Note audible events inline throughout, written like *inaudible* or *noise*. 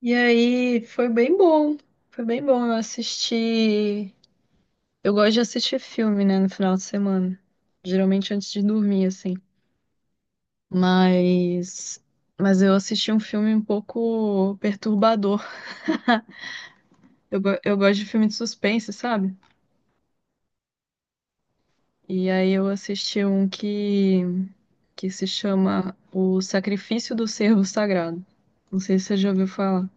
E aí, foi bem bom. Foi bem bom. Eu assisti. Eu gosto de assistir filme, né, no final de semana. Geralmente antes de dormir, assim. Mas. Mas eu assisti um filme um pouco perturbador. Eu gosto de filme de suspense, sabe? E aí eu assisti um que se chama O Sacrifício do Servo Sagrado. Não sei se você já ouviu falar.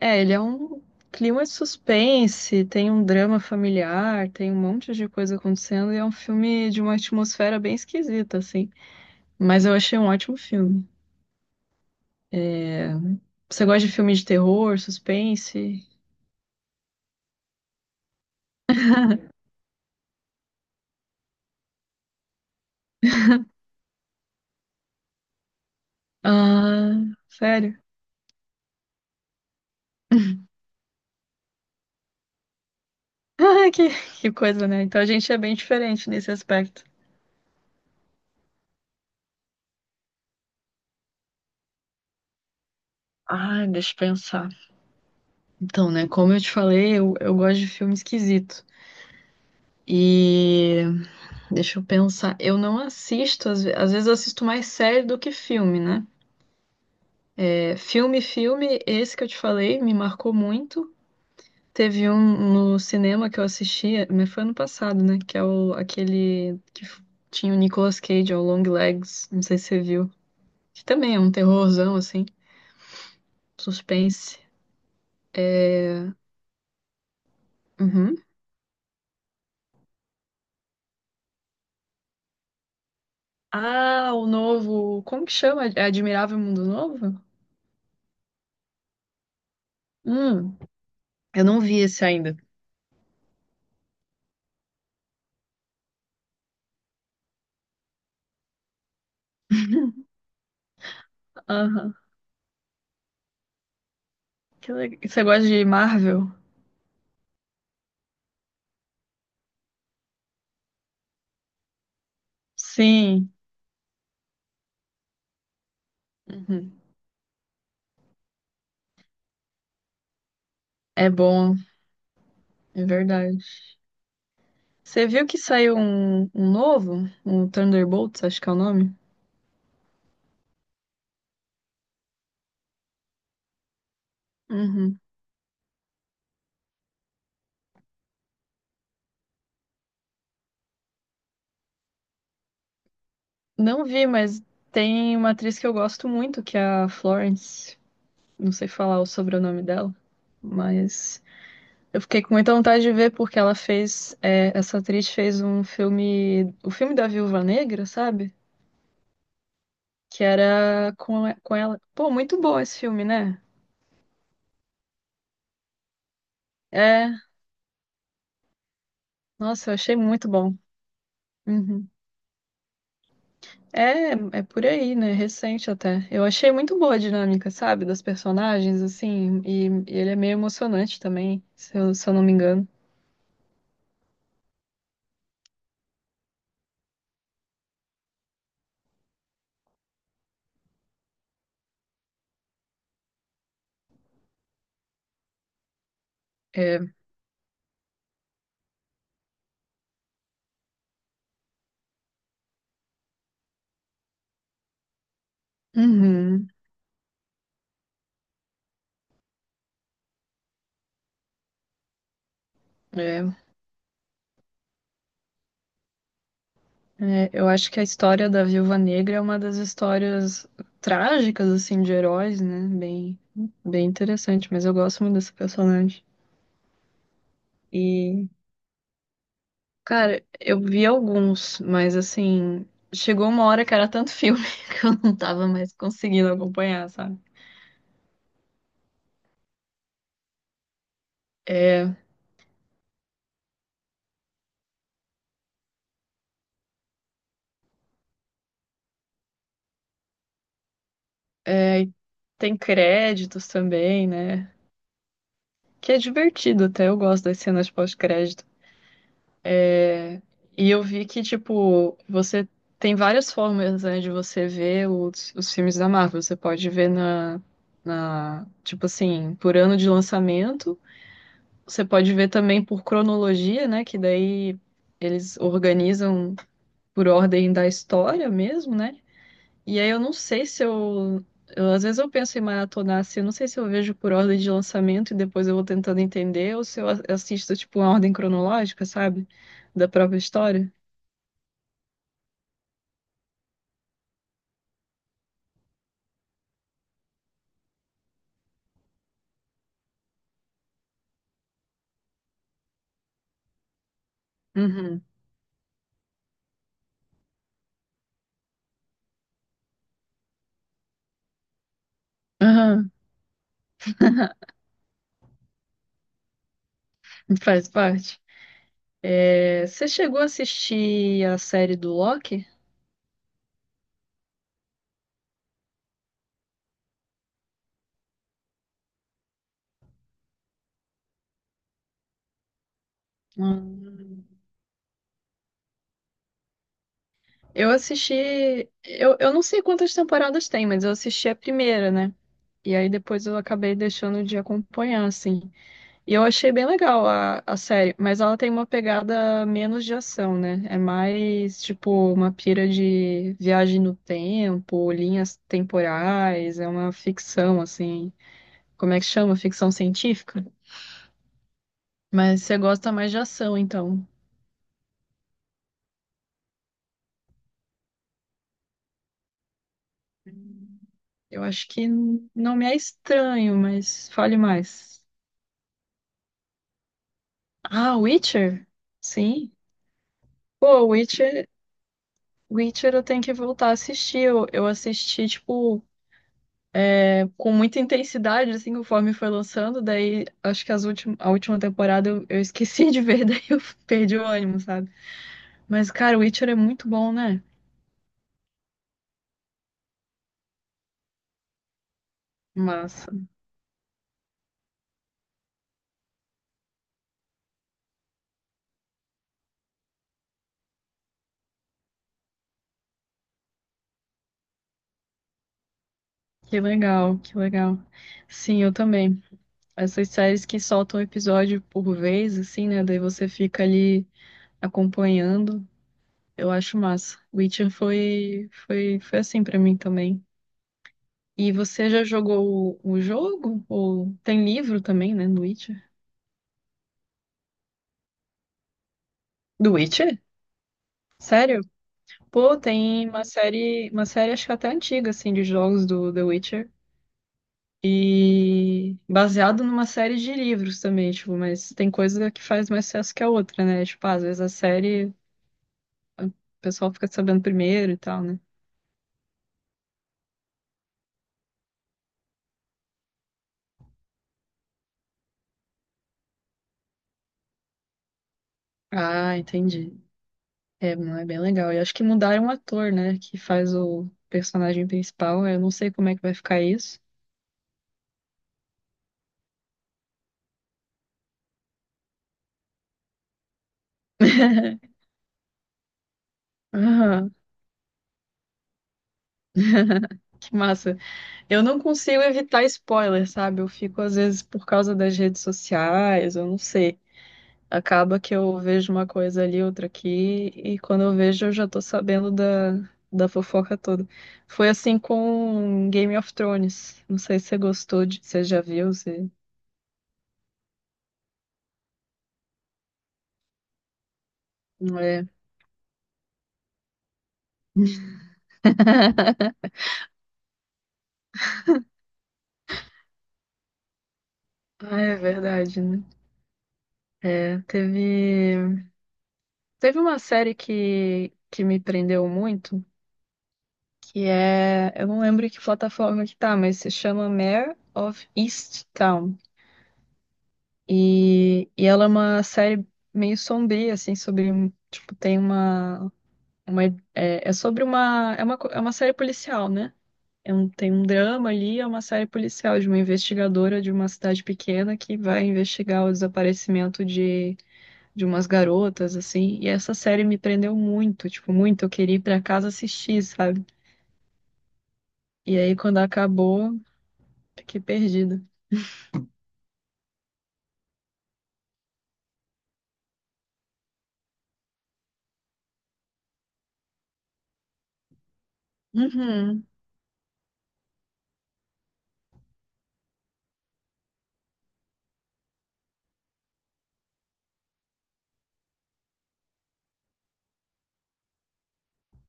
É, ele é um clima de suspense, tem um drama familiar, tem um monte de coisa acontecendo e é um filme de uma atmosfera bem esquisita, assim. Mas eu achei um ótimo filme. É. Você gosta de filme de terror, suspense? Ah, sério? *laughs* Ah, que coisa, né? Então a gente é bem diferente nesse aspecto. Ah, deixa eu pensar. Então, né, como eu te falei, eu gosto de filme esquisito. E. Deixa eu pensar. Eu não assisto, às ve- Às vezes eu assisto mais série do que filme, né? É, filme, esse que eu te falei me marcou muito. Teve um no cinema que eu assistia, mas foi ano passado, né? Que é o, aquele que f- tinha o Nicolas Cage, é o Long Legs, não sei se você viu. Que também é um terrorzão, assim, suspense. Uhum. Ah, o novo, como que chama? É Admirável Mundo Novo? Hum, eu não vi esse ainda. Aham. Que legal. Você gosta de Marvel? Sim. Uhum. É bom, é verdade. Você viu que saiu um novo? Um Thunderbolts, acho que é o nome. Uhum. Não vi, mas tem uma atriz que eu gosto muito, que é a Florence. Não sei falar o sobrenome dela, mas eu fiquei com muita vontade de ver porque ela fez, é, essa atriz fez um filme, o filme da Viúva Negra, sabe? Que era com ela. Pô, muito bom esse filme, né? É, nossa, eu achei muito bom. Uhum. É, é por aí, né? Recente até. Eu achei muito boa a dinâmica, sabe? Das personagens, assim. E ele é meio emocionante também, se eu não me engano. É. Uhum. É. É, eu acho que a história da Viúva Negra é uma das histórias trágicas, assim, de heróis, né? Bem interessante, mas eu gosto muito dessa personagem. E, cara, eu vi alguns, mas assim, chegou uma hora que era tanto filme *laughs* que eu não tava mais conseguindo acompanhar, sabe? É, É, e tem créditos também, né? Que é divertido até, eu gosto das cenas pós-crédito. É, e eu vi que, tipo, você tem várias formas, né, de você ver os filmes da Marvel. Você pode ver tipo assim, por ano de lançamento. Você pode ver também por cronologia, né? Que daí eles organizam por ordem da história mesmo, né? E aí eu não sei se eu, eu- às vezes eu penso em maratonar assim, eu não sei se eu vejo por ordem de lançamento e depois eu vou tentando entender, ou se eu assisto tipo uma ordem cronológica, sabe? Da própria história. Uhum. Aham. Faz parte. É, você chegou a assistir a série do Loki? Hum. Eu assisti. Eu não sei quantas temporadas tem, mas eu assisti a primeira, né? E aí depois eu acabei deixando de acompanhar, assim. E eu achei bem legal a série, mas ela tem uma pegada menos de ação, né? É mais tipo uma pira de viagem no tempo, linhas temporais, é uma ficção, assim. Como é que chama? Ficção científica? Mas você gosta mais de ação, então. Eu acho que não me é estranho, mas fale mais. Ah, Witcher? Sim. Pô, Witcher eu tenho que voltar a assistir. Eu assisti, tipo. Com muita intensidade, assim, conforme foi lançando. Daí, acho que as últim a última temporada eu esqueci de ver, *laughs* daí eu perdi o ânimo, sabe? Mas, cara, o Witcher é muito bom, né? Massa. Que legal, que legal. Sim, eu também. Essas séries que soltam episódio por vez, assim, né? Daí você fica ali acompanhando. Eu acho massa. Witcher foi, foi assim pra mim também. E você já jogou o jogo? Ou tem livro também, né, do Witcher? Do Witcher? Sério? Pô, tem uma série acho que até antiga, assim, de jogos do The Witcher. E baseado numa série de livros também, tipo, mas tem coisa que faz mais sucesso que a outra, né? Tipo, ah, às vezes a série, o pessoal fica sabendo primeiro e tal, né? Ah, entendi. É, não é bem legal. E acho que mudaram o ator, né? Que faz o personagem principal. Eu não sei como é que vai ficar isso. *laughs* Aham, que massa. Eu não consigo evitar spoiler, sabe? Eu fico, às vezes, por causa das redes sociais, eu não sei. Acaba que eu vejo uma coisa ali, outra aqui, e quando eu vejo eu já tô sabendo da fofoca toda. Foi assim com Game of Thrones. Não sei se você gostou, de, você já viu, se... Não é. *laughs* Ah, é verdade, né? É, teve uma série que me prendeu muito, que é, eu não lembro que plataforma que tá, mas se chama Mare of Easttown. E ela é uma série meio sombria, assim, tipo, tem uma é, é sobre uma, é uma, co- é uma série policial, né? Tem um drama ali, é uma série policial de uma investigadora de uma cidade pequena que vai investigar o desaparecimento de umas garotas, assim. E essa série me prendeu muito, tipo, muito. Eu queria ir pra casa assistir, sabe? E aí, quando acabou, fiquei perdida. Uhum.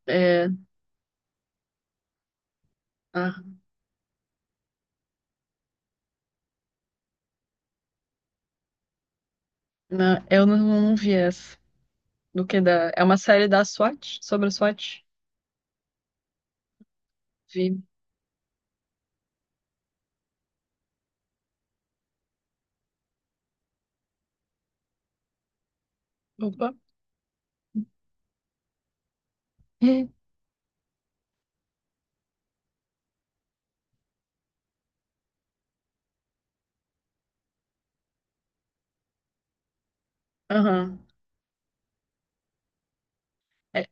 É, ah, não, eu não, não vi essa. Do que da. É uma série da SWAT, sobre a SWAT. Vi. Opa. Ih. Aham. É,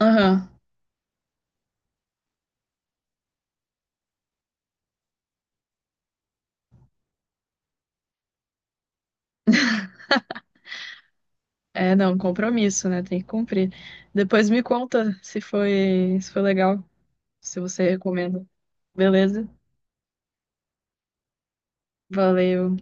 aham. É, não, compromisso, né? Tem que cumprir. Depois me conta se foi, se foi legal, se você recomenda. Beleza? Valeu.